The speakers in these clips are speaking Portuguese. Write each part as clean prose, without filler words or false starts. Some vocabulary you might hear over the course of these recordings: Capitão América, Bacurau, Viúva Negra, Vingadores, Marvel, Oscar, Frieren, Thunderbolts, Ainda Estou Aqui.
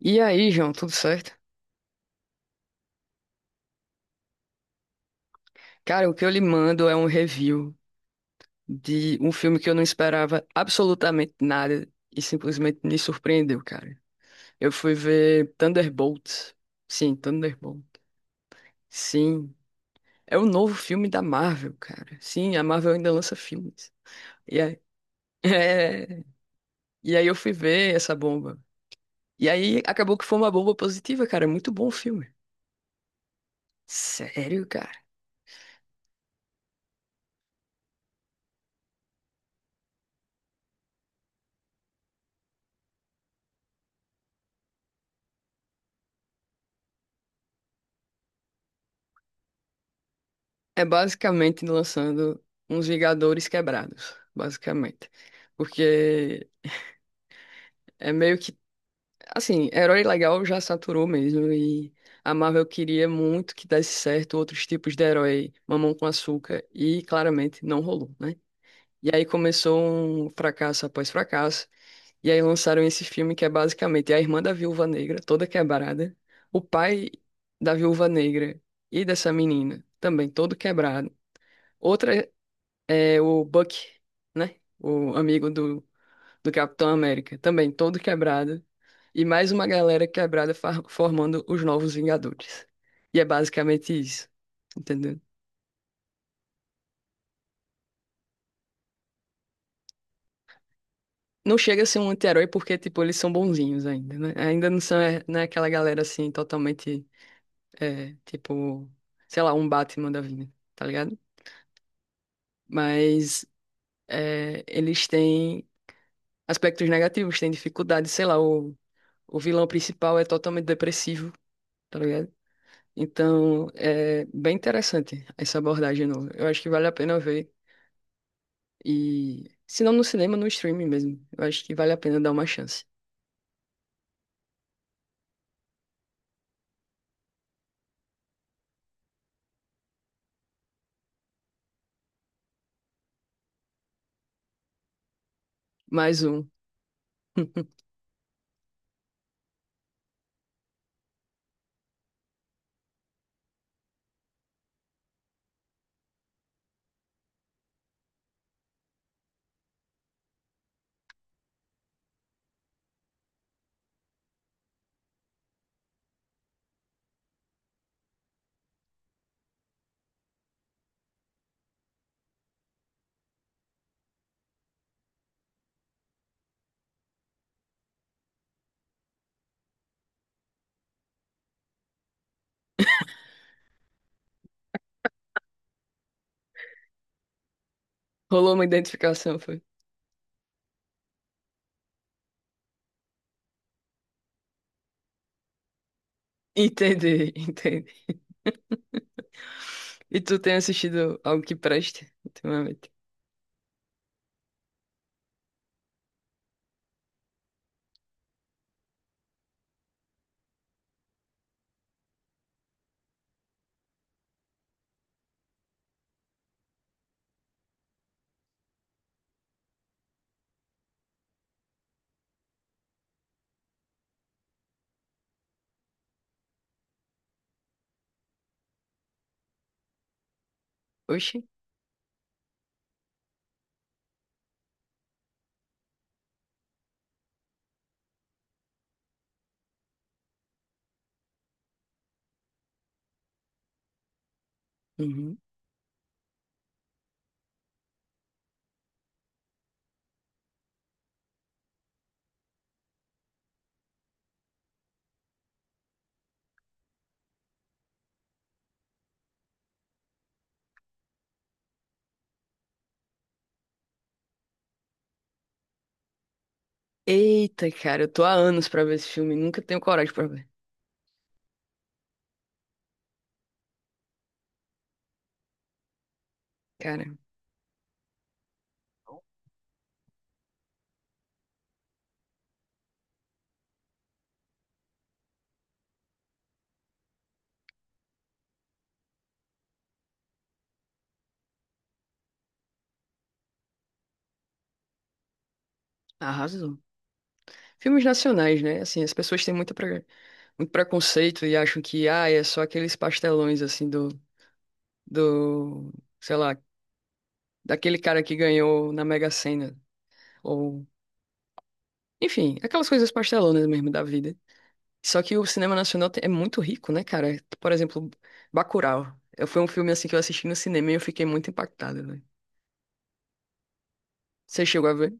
E aí, João, tudo certo? Cara, o que eu lhe mando é um review de um filme que eu não esperava absolutamente nada e simplesmente me surpreendeu, cara. Eu fui ver Thunderbolts. Sim, Thunderbolt. Sim, é o novo filme da Marvel, cara. Sim, a Marvel ainda lança filmes. E aí, é, e aí eu fui ver essa bomba. E aí acabou que foi uma bomba positiva, cara. É muito bom o filme. Sério, cara. É basicamente lançando uns Vingadores quebrados, basicamente. Porque é meio que, assim, herói legal já saturou mesmo e a Marvel queria muito que desse certo outros tipos de herói, mamão com açúcar, e claramente não rolou, né? E aí começou um fracasso após fracasso, e aí lançaram esse filme que é basicamente a irmã da Viúva Negra, toda quebrada, o pai da Viúva Negra e dessa menina, também todo quebrado. Outra é o Buck, né? O amigo do Capitão América, também todo quebrado. E mais uma galera quebrada formando os Novos Vingadores. E é basicamente isso, entendeu? Não chega a ser um anti-herói porque, tipo, eles são bonzinhos ainda, né? Ainda não são, não é aquela galera, assim, totalmente, tipo, sei lá, um Batman da vida, tá ligado? Mas é, eles têm aspectos negativos, têm dificuldades, sei lá, o vilão principal é totalmente depressivo, tá ligado? Então, é bem interessante essa abordagem nova. Eu acho que vale a pena ver. E se não no cinema, no streaming mesmo. Eu acho que vale a pena dar uma chance. Mais um. Rolou uma identificação, foi. Entendi, entendi. E tu tem assistido algo que preste ultimamente? Oxi. Uhum. Eita, cara, eu tô há anos pra ver esse filme, e nunca tenho coragem pra ver. Cara, arrasou. Filmes nacionais, né? Assim, as pessoas têm muito, muito preconceito e acham que, ah, é só aqueles pastelões, assim, do, sei lá, daquele cara que ganhou na Mega Sena, ou, enfim, aquelas coisas pastelonas mesmo da vida. Só que o cinema nacional é muito rico, né, cara? Por exemplo, Bacurau. Eu, foi um filme assim que eu assisti no cinema e eu fiquei muito impactado, velho. Você chegou a ver?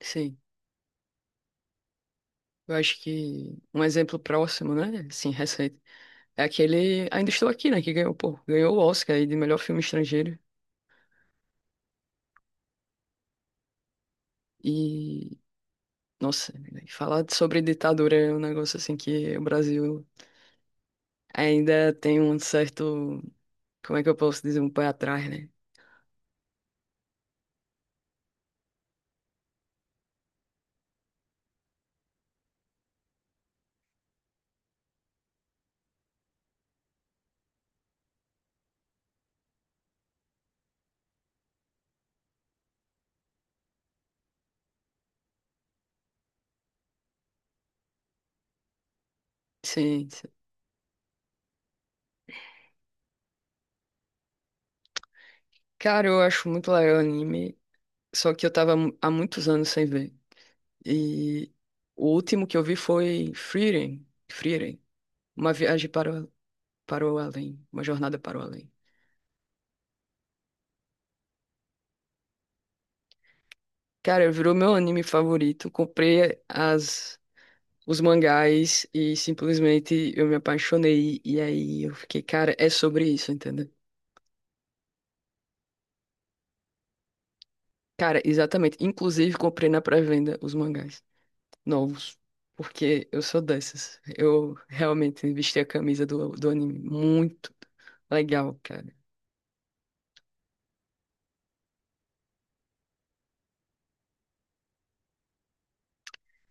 Sim. Eu acho que um exemplo próximo, né? Sim, recente. É aquele Ainda Estou Aqui, né? Que ganhou, pô, ganhou o Oscar aí de melhor filme estrangeiro. E, nossa, falar sobre ditadura é um negócio assim que o Brasil ainda tem um certo, como é que eu posso dizer, um pé atrás, né? Sim, sim. Cara, eu acho muito legal o anime, só que eu tava há muitos anos sem ver. E o último que eu vi foi Frieren, Uma Viagem para, para o Além, Uma Jornada para o Além. Cara, virou meu anime favorito, comprei os mangás e simplesmente eu me apaixonei. E aí eu fiquei, cara, é sobre isso, entendeu? Cara, exatamente. Inclusive comprei na pré-venda os mangás novos, porque eu sou dessas. Eu realmente vesti a camisa do anime. Muito legal, cara.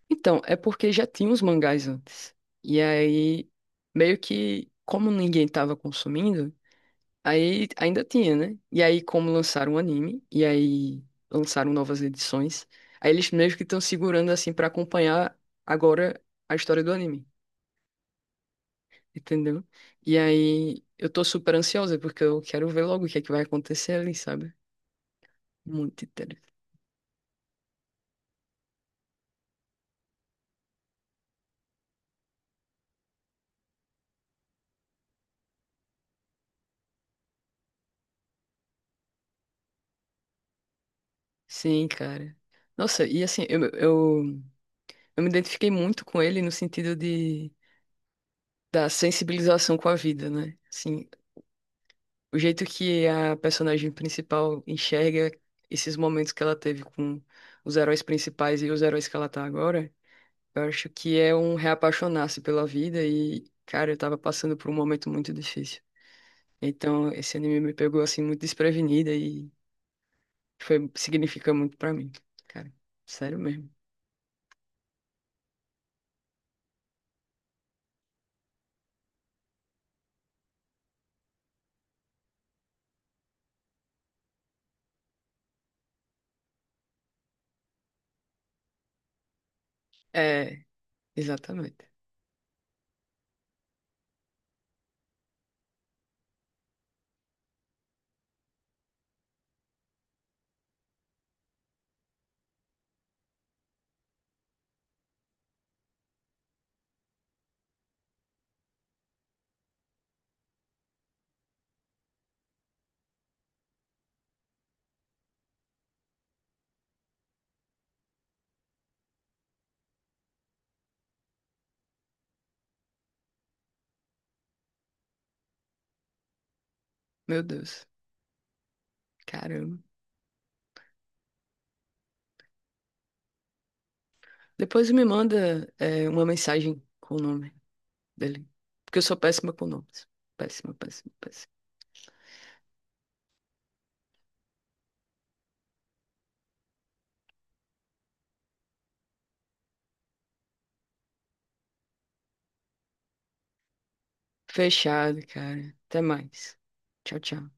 Então, é porque já tinha os mangás antes. E aí, meio que, como ninguém tava consumindo, aí ainda tinha, né? E aí, como lançaram o anime, e aí lançaram novas edições, aí eles meio que estão segurando assim pra acompanhar agora a história do anime. Entendeu? E aí, eu tô super ansiosa, porque eu quero ver logo o que é que vai acontecer ali, sabe? Muito interessante. Sim, cara. Nossa, e assim, eu me identifiquei muito com ele no sentido de da sensibilização com a vida, né? Assim, o jeito que a personagem principal enxerga esses momentos que ela teve com os heróis principais e os heróis que ela tá agora, eu acho que é um reapaixonar-se pela vida e, cara, eu tava passando por um momento muito difícil. Então, esse anime me pegou assim muito desprevenida e foi significa muito pra mim, cara. Sério mesmo. É, exatamente. Meu Deus. Caramba. Depois me manda uma mensagem com o nome dele. Porque eu sou péssima com nomes. Péssima, péssima, péssima. Fechado, cara. Até mais. Tchau, tchau.